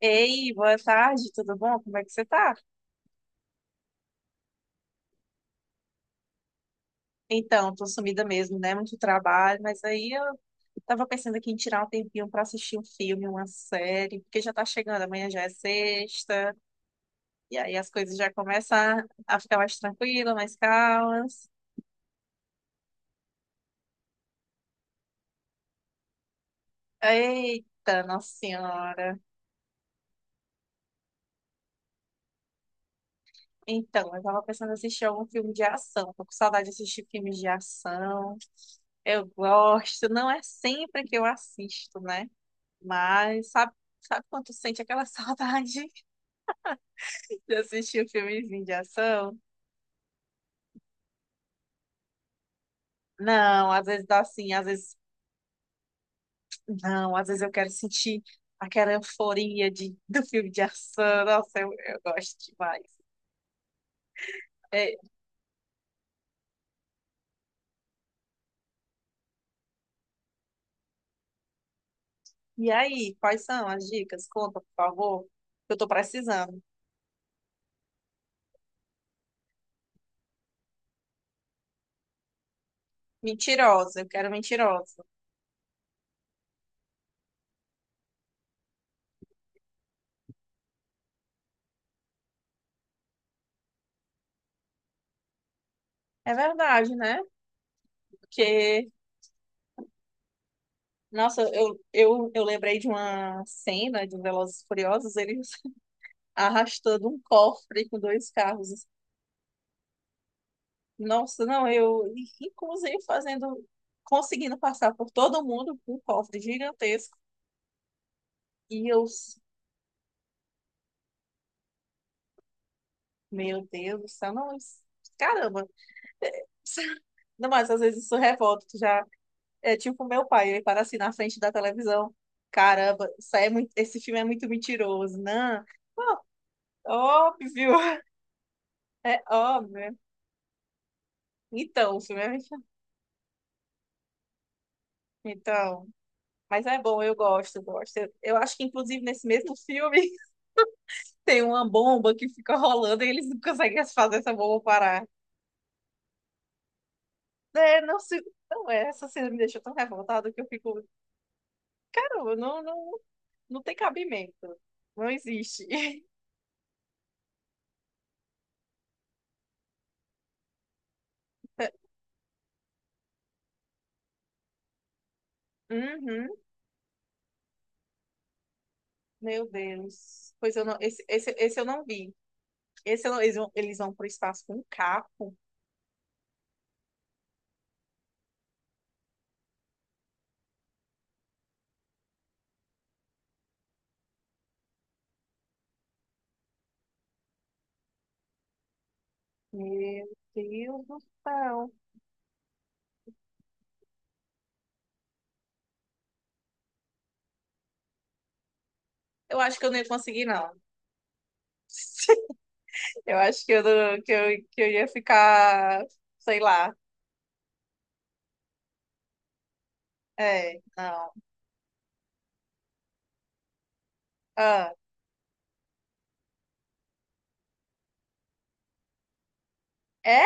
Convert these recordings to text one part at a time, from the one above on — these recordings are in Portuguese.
Ei, boa tarde, tudo bom? Como é que você tá? Então, tô sumida mesmo, né? Muito trabalho, mas aí eu tava pensando aqui em tirar um tempinho pra assistir um filme, uma série, porque já tá chegando, amanhã já é sexta, e aí as coisas já começam a ficar mais tranquilas, mais calmas. Eita, nossa senhora. Então, eu tava pensando em assistir algum filme de ação, tô com saudade de assistir filmes de ação. Eu gosto, não é sempre que eu assisto, né? Mas sabe, sabe quando tu sente aquela saudade de assistir um filmezinho de ação? Não, às vezes dá assim, às vezes não, às vezes eu quero sentir aquela euforia de, do filme de ação. Nossa, eu gosto demais. É, e aí, quais são as dicas? Conta, por favor. Que Eu tô precisando. Mentirosa, eu quero mentirosa. É verdade, né? Porque, nossa, eu lembrei de uma cena de Velozes e Furiosos, eles arrastando um cofre com dois carros. Nossa, não, eu, inclusive, fazendo, conseguindo passar por todo mundo com um cofre gigantesco. E eu, meu Deus do céu, não, caramba. Não, mas às vezes isso revolta, tu já é tipo meu pai, ele para assim na frente da televisão. Caramba, isso aí é muito, esse filme é muito mentiroso, não? Ó, Óbvio, é óbvio, né? Então, o filme é mentiroso. Então, mas é bom, eu gosto, eu gosto. Eu acho que, inclusive, nesse mesmo filme. Tem uma bomba que fica rolando e eles não conseguem fazer essa bomba parar. É, não sei. Não, é, essa cena me deixou tão revoltada que eu fico. Caramba, não, não, não tem cabimento. Não existe. Uhum, meu Deus. Pois eu não. Esse eu não vi. Esse eu não- Eles vão, eles vão pro espaço com um carro. Meu Deus do céu. Eu acho que eu não ia conseguir, não. Eu acho que eu, não- que eu ia ficar, sei lá. É, não. Ah. É?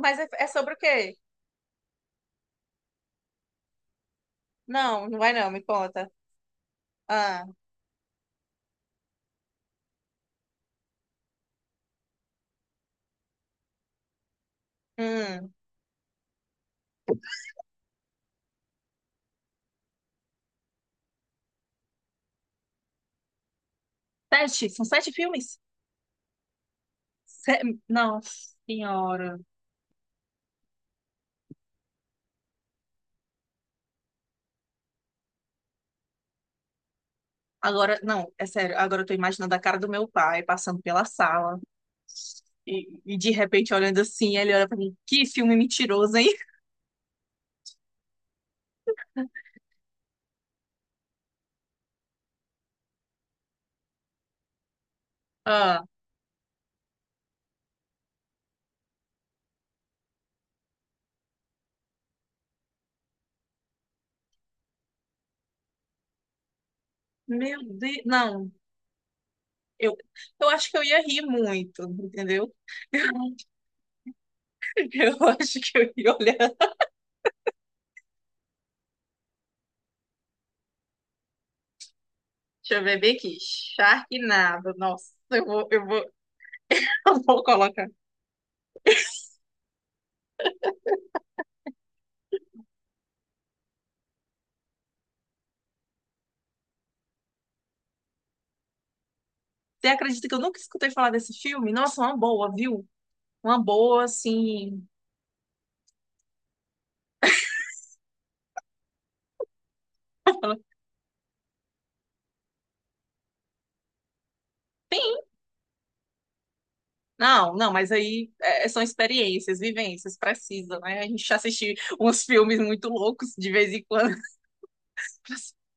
Mas é, é sobre o quê? Não, não vai não, me conta. Ah, hum. Sete, são sete filmes? Se- Nossa senhora. Agora, não, é sério, agora eu tô imaginando a cara do meu pai passando pela sala e de repente olhando assim, ele olha pra mim, que filme mentiroso, hein? Ah, meu Deus, não, eu, eu acho que eu ia rir muito, entendeu? Eu acho que eu ia olhar. Deixa eu ver bem aqui, Sharknado, nossa, eu vou colocar. Você acredita que eu nunca escutei falar desse filme? Nossa, uma boa, viu? Uma boa, assim. Ela, Tem. Não, não, mas aí é, é, são experiências, vivências, precisa, né? A gente já assistiu uns filmes muito loucos de vez em quando.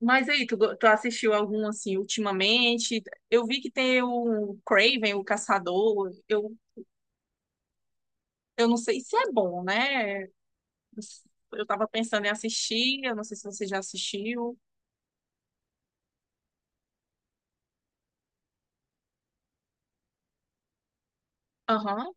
Mas aí, tu assistiu algum, assim, ultimamente? Eu vi que tem o Craven, o Caçador. Eu não sei se é bom, né? Eu tava pensando em assistir, eu não sei se você já assistiu. Aham.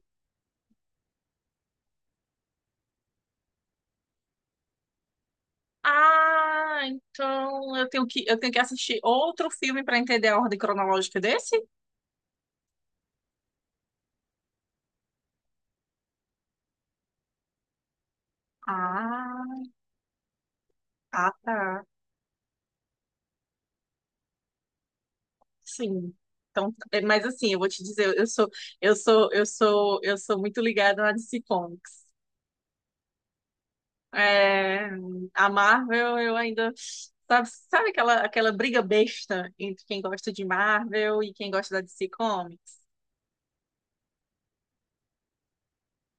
Ah, então eu tenho que assistir outro filme para entender a ordem cronológica desse? Ah, ah, tá. Sim. Então, é, mas assim, eu vou te dizer, eu sou muito ligada na DC Comics. É, a Marvel, eu ainda sabe, sabe aquela briga besta entre quem gosta de Marvel e quem gosta da DC Comics?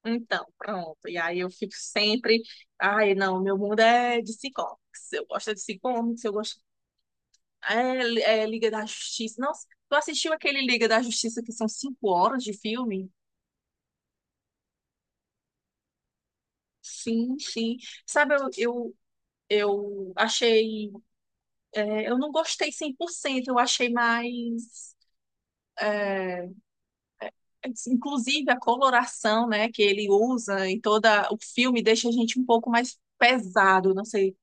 Então, pronto. E aí eu fico sempre. Ai, não, meu mundo é de sitcoms. Eu gosto é de sitcoms, eu gosto. É, é Liga da Justiça. Nossa, tu assistiu aquele Liga da Justiça que são cinco horas de filme? Sim, sim. Sabe, eu achei. É, eu não gostei cem por cento, eu achei mais. Inclusive a coloração, né, que ele usa em toda o filme deixa a gente um pouco mais pesado. Não sei.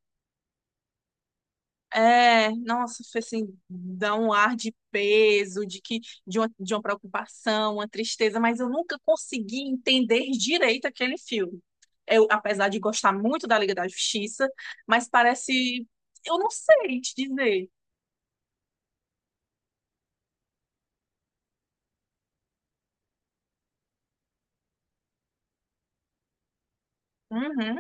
É, nossa, foi assim, dá um ar de peso, de que de uma preocupação, uma tristeza, mas eu nunca consegui entender direito aquele filme. Eu, apesar de gostar muito da Liga da Justiça, mas parece, eu não sei te dizer. Uhum.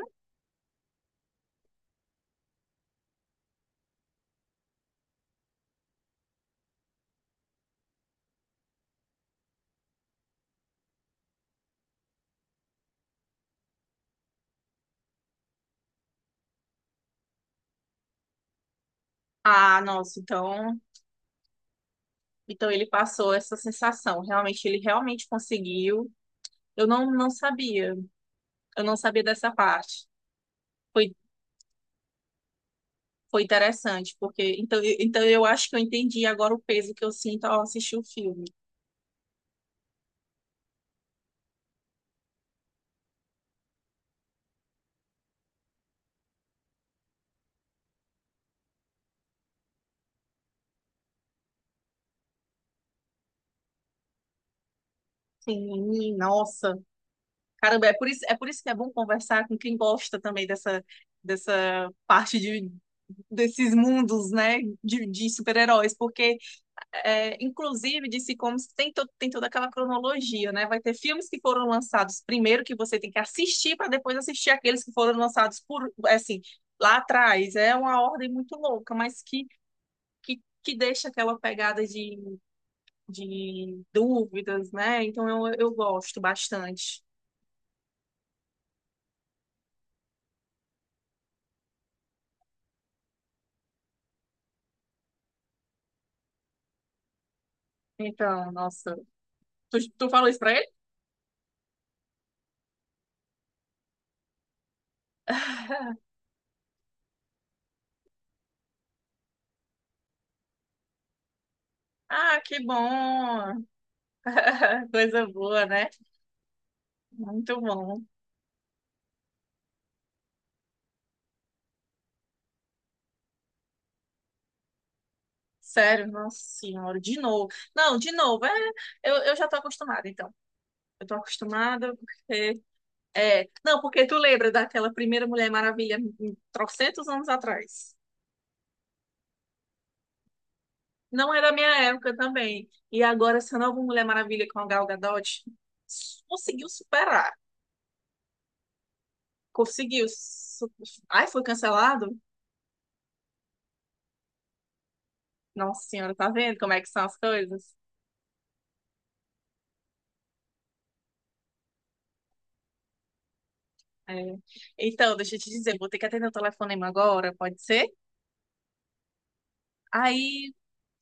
Ah, nossa, então, então ele passou essa sensação. Realmente, ele realmente conseguiu. Eu não, não sabia. Eu não sabia dessa parte. Foi Foi interessante, porque então, então eu acho que eu entendi agora o peso que eu sinto ao assistir o filme. Sim, nossa. Caramba, é por isso que é bom conversar com quem gosta também dessa, dessa parte de, desses mundos, né, de super-heróis, porque, é, inclusive, de Comics tem, tem toda aquela cronologia, né? Vai ter filmes que foram lançados primeiro que você tem que assistir para depois assistir aqueles que foram lançados por, assim, lá atrás. É uma ordem muito louca, mas que deixa aquela pegada de dúvidas, né? Então eu gosto bastante. Então, nossa, tu falou isso pra ele? Ah, que bom! Coisa boa, né? Muito bom. Sério, nossa senhora, de novo. Não, de novo, é, eu já tô acostumada, então. Eu tô acostumada porque. É, não, porque tu lembra daquela primeira Mulher Maravilha, trocentos anos atrás. Não é da minha época também. E agora essa nova Mulher Maravilha com a Gal Gadot conseguiu superar. Conseguiu. Su- Ai, foi cancelado? Nossa senhora, tá vendo como é que são as coisas? É. Então, deixa eu te dizer, vou ter que atender o telefonema agora, pode ser? Aí,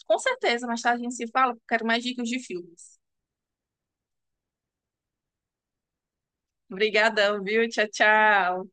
com certeza, mais tarde a gente se fala, porque eu quero mais dicas de filmes. Obrigadão, viu? Tchau, tchau.